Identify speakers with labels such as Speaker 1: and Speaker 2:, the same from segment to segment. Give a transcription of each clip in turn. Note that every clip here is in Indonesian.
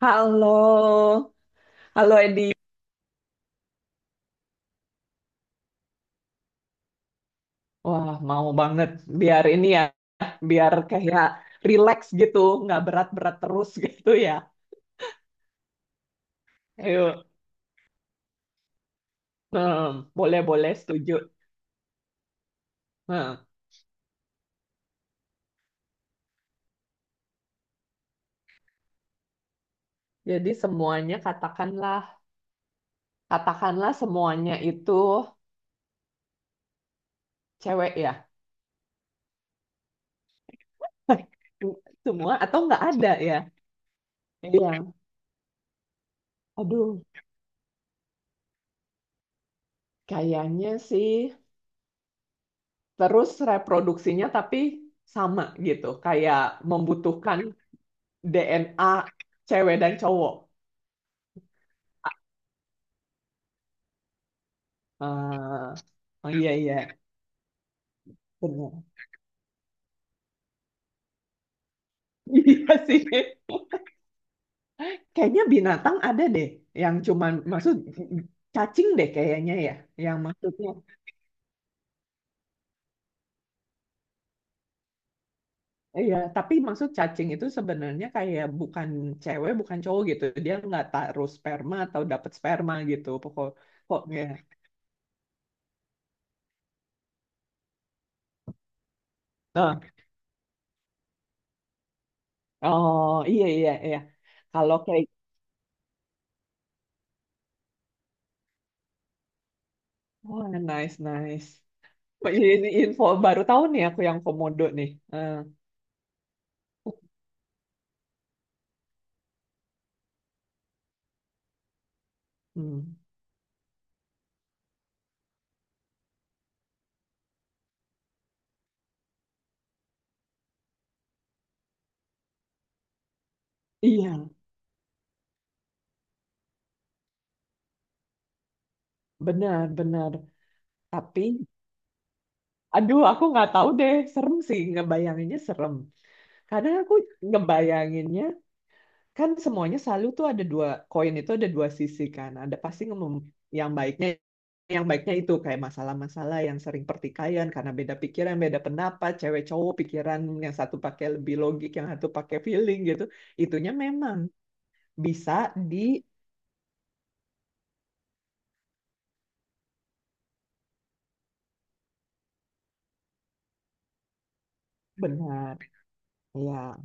Speaker 1: Halo. Halo, Edi. Wah, mau banget biar ini ya, biar kayak relax gitu, nggak berat-berat terus gitu ya. Ayo. Hmm, Boleh-boleh, setuju. Hmm, Jadi semuanya katakanlah semuanya itu cewek ya. Semua atau nggak ada ya? Iya. Aduh, kayaknya sih terus reproduksinya tapi sama gitu, kayak membutuhkan DNA cewek dan cowok. Ah, oh iya iya, benar. Iya sih. Kayaknya binatang ada deh yang cuman maksud cacing deh kayaknya ya, yang maksudnya iya, tapi maksud cacing itu sebenarnya kayak bukan cewek, bukan cowok gitu. Dia nggak taruh sperma atau dapat sperma gitu. Pokoknya. Nah, oh iya iya iya. Kalau kayak, oh, nice nice. Ini info baru tahu nih aku, yang komodo nih. Eh. Hmm, iya, benar-benar. Tapi, aduh, aku nggak tahu deh. Serem sih, ngebayanginnya serem. Karena aku ngebayanginnya, kan semuanya selalu tuh ada dua, koin itu ada dua sisi kan. Ada pasti yang baiknya, yang baiknya itu kayak masalah-masalah yang sering pertikaian karena beda pikiran, beda pendapat, cewek cowok pikiran yang satu pakai lebih logik, yang satu pakai feeling gitu. Itunya memang bisa dibenar. Ya,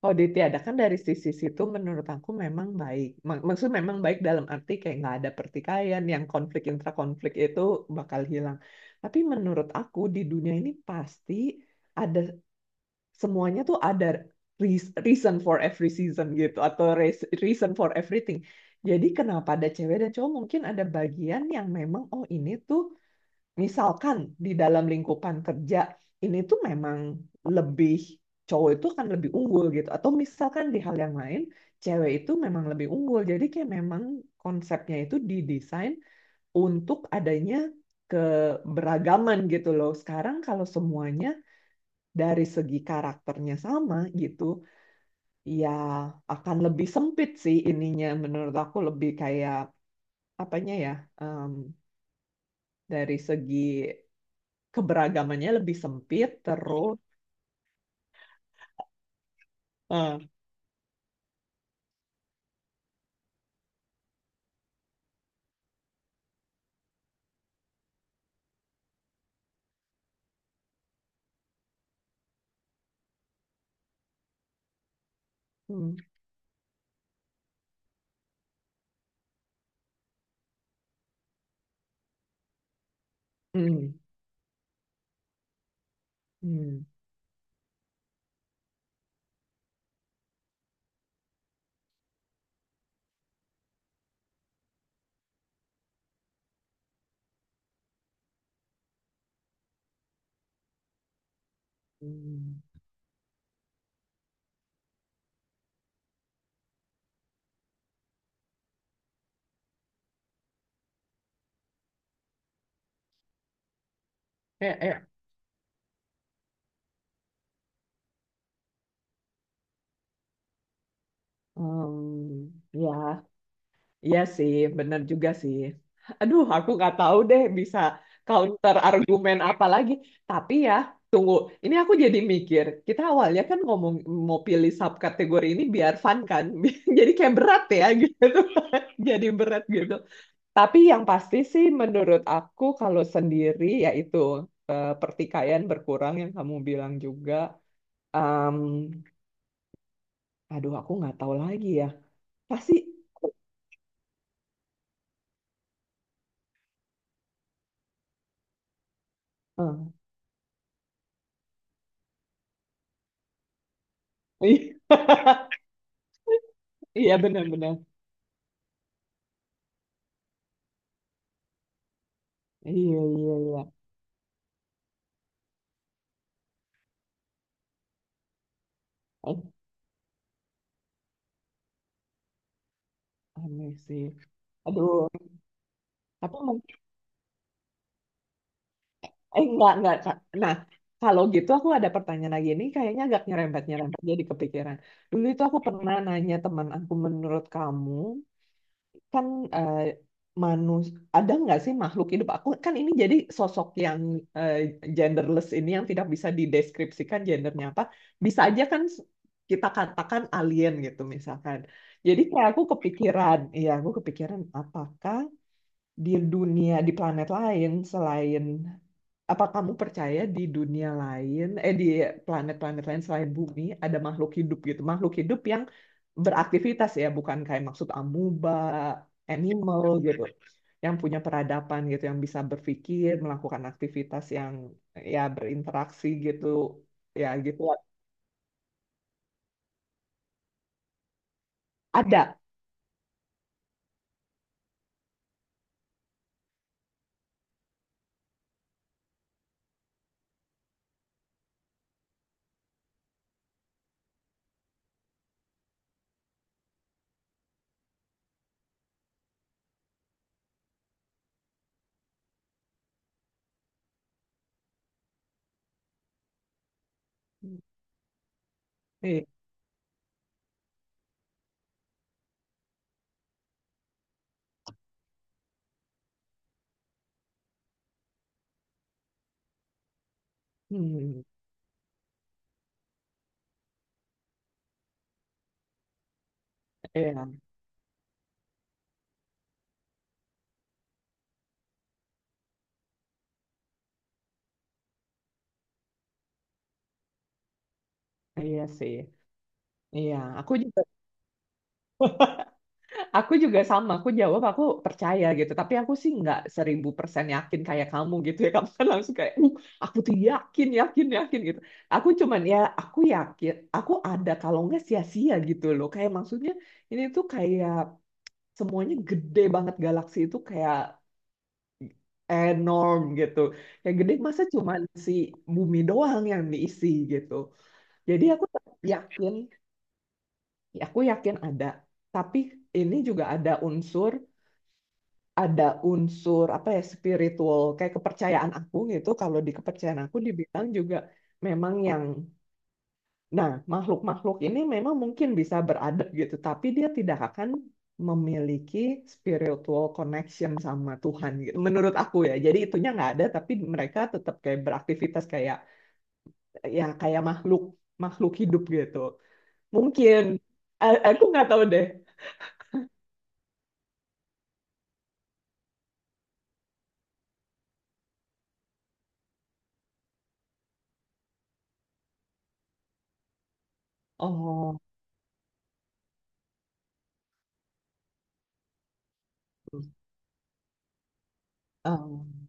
Speaker 1: kalau ditiadakan dari sisi situ menurut aku memang baik. Maksud memang baik dalam arti kayak nggak ada pertikaian yang konflik intrakonflik itu bakal hilang. Tapi menurut aku di dunia ini pasti ada, semuanya tuh ada reason for every season gitu atau reason for everything. Jadi kenapa ada cewek dan cowok mungkin ada bagian yang memang, oh ini tuh misalkan di dalam lingkupan kerja ini tuh memang lebih, cowok itu kan lebih unggul gitu atau misalkan di hal yang lain cewek itu memang lebih unggul. Jadi kayak memang konsepnya itu didesain untuk adanya keberagaman gitu loh. Sekarang kalau semuanya dari segi karakternya sama gitu ya akan lebih sempit sih ininya. Menurut aku lebih kayak apanya ya, em, dari segi keberagamannya lebih sempit terus. eh, hmm. Hmm. Hmm. Hmm. Kayak, hmm, ya, iya sih, bener juga sih. Aduh, aku nggak tahu deh bisa counter argumen apa lagi. Tapi ya, tunggu, ini aku jadi mikir kita awalnya kan ngomong mau pilih subkategori ini biar fun kan. Jadi kayak berat ya gitu. Jadi berat gitu. Tapi yang pasti sih menurut aku kalau sendiri yaitu, pertikaian berkurang yang kamu bilang juga. Em, Aduh, aku nggak tahu lagi ya. Pasti. eh, iya benar-benar. Iya iya iya. Eh, aneh sih. Aduh. Tapi eh, nggak nggak. Kak. Nah kalau gitu aku ada pertanyaan lagi, ini kayaknya agak nyerempet nyerempet jadi kepikiran. Dulu itu aku pernah nanya teman aku, menurut kamu kan, eh, manus ada nggak sih makhluk hidup, aku kan ini jadi sosok yang eh, genderless, ini yang tidak bisa dideskripsikan gendernya apa, bisa aja kan kita katakan alien gitu misalkan. Jadi kayak aku kepikiran, ya aku kepikiran apakah di dunia, di planet lain selain, apa kamu percaya di dunia lain, eh di planet-planet lain selain bumi, ada makhluk hidup gitu? Makhluk hidup yang beraktivitas ya, bukan kayak maksud amuba, animal gitu. Yang punya peradaban gitu, yang bisa berpikir, melakukan aktivitas yang ya berinteraksi gitu. Ya gitu. Ada. Iya, hmm, iya, iya sih. Iya, aku juga Aku juga sama, aku jawab aku percaya gitu. Tapi aku sih nggak seribu persen yakin kayak kamu gitu ya. Kamu kan langsung kayak, aku tuh yakin, yakin, yakin gitu. Aku cuman ya, aku yakin, aku ada kalau nggak sia-sia gitu loh. Kayak maksudnya ini tuh kayak semuanya gede banget, galaksi itu kayak enorm gitu. Yang gede masa cuman si bumi doang yang diisi gitu. Jadi aku tetap yakin, ya aku yakin ada. Tapi ini juga ada unsur apa ya spiritual, kayak kepercayaan aku gitu. Kalau di kepercayaan aku dibilang juga memang yang, nah makhluk-makhluk ini memang mungkin bisa beradab gitu tapi dia tidak akan memiliki spiritual connection sama Tuhan gitu menurut aku ya. Jadi itunya nggak ada tapi mereka tetap kayak beraktivitas kayak ya kayak makhluk makhluk hidup gitu mungkin. Aku nggak tahu deh. Oh. um,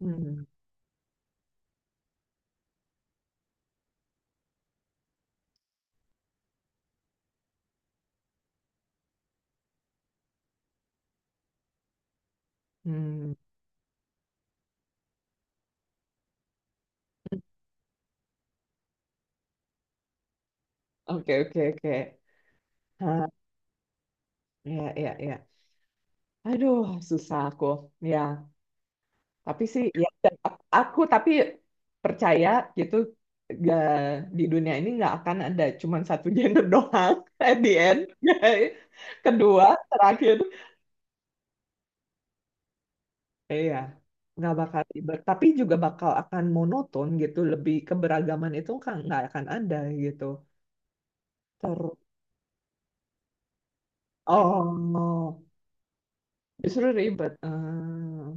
Speaker 1: hmm. Hmm. Oke, oke, oke. Ah, ya, ya, ya. Aduh, susah aku. Ya, tapi sih, ya, dan aku tapi percaya gitu, gak, di dunia ini nggak akan ada cuman satu gender doang. At the end. Kedua, terakhir. Iya, nggak bakal ribet. Tapi juga bakal akan monoton gitu, lebih keberagaman itu kan nggak akan ada gitu. Terus, oh, justru ribet. Ah,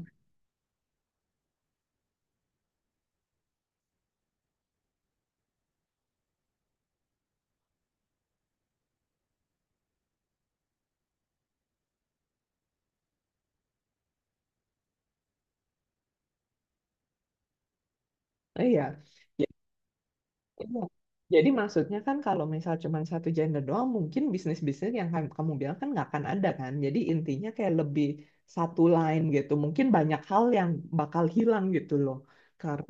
Speaker 1: iya. Iya. Jadi maksudnya kan kalau misal cuma satu gender doang, mungkin bisnis-bisnis yang kamu bilang kan nggak akan ada kan. Jadi intinya kayak lebih satu line gitu. Mungkin banyak hal yang bakal hilang gitu loh. Karena.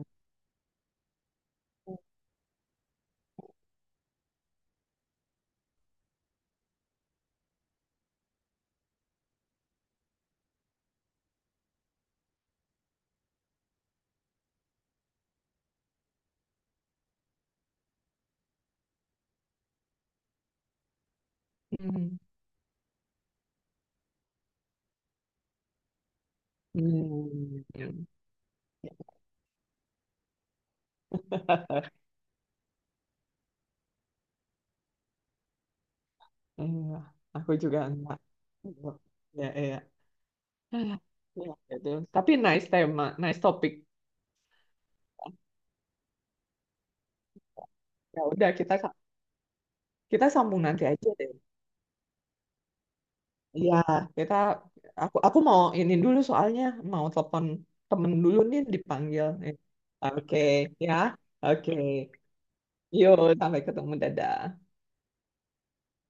Speaker 1: Hmm. Hmm. Iya, aku juga enggak. Ya, iya. Ya, gitu. Tapi nice tema, nice topik. Ya udah, kita kita sambung nanti aja deh. Iya, kita aku mau ini dulu soalnya mau telepon temen dulu nih, dipanggil nih. Oke, ya. Oke. Yuk, sampai ketemu. Dadah.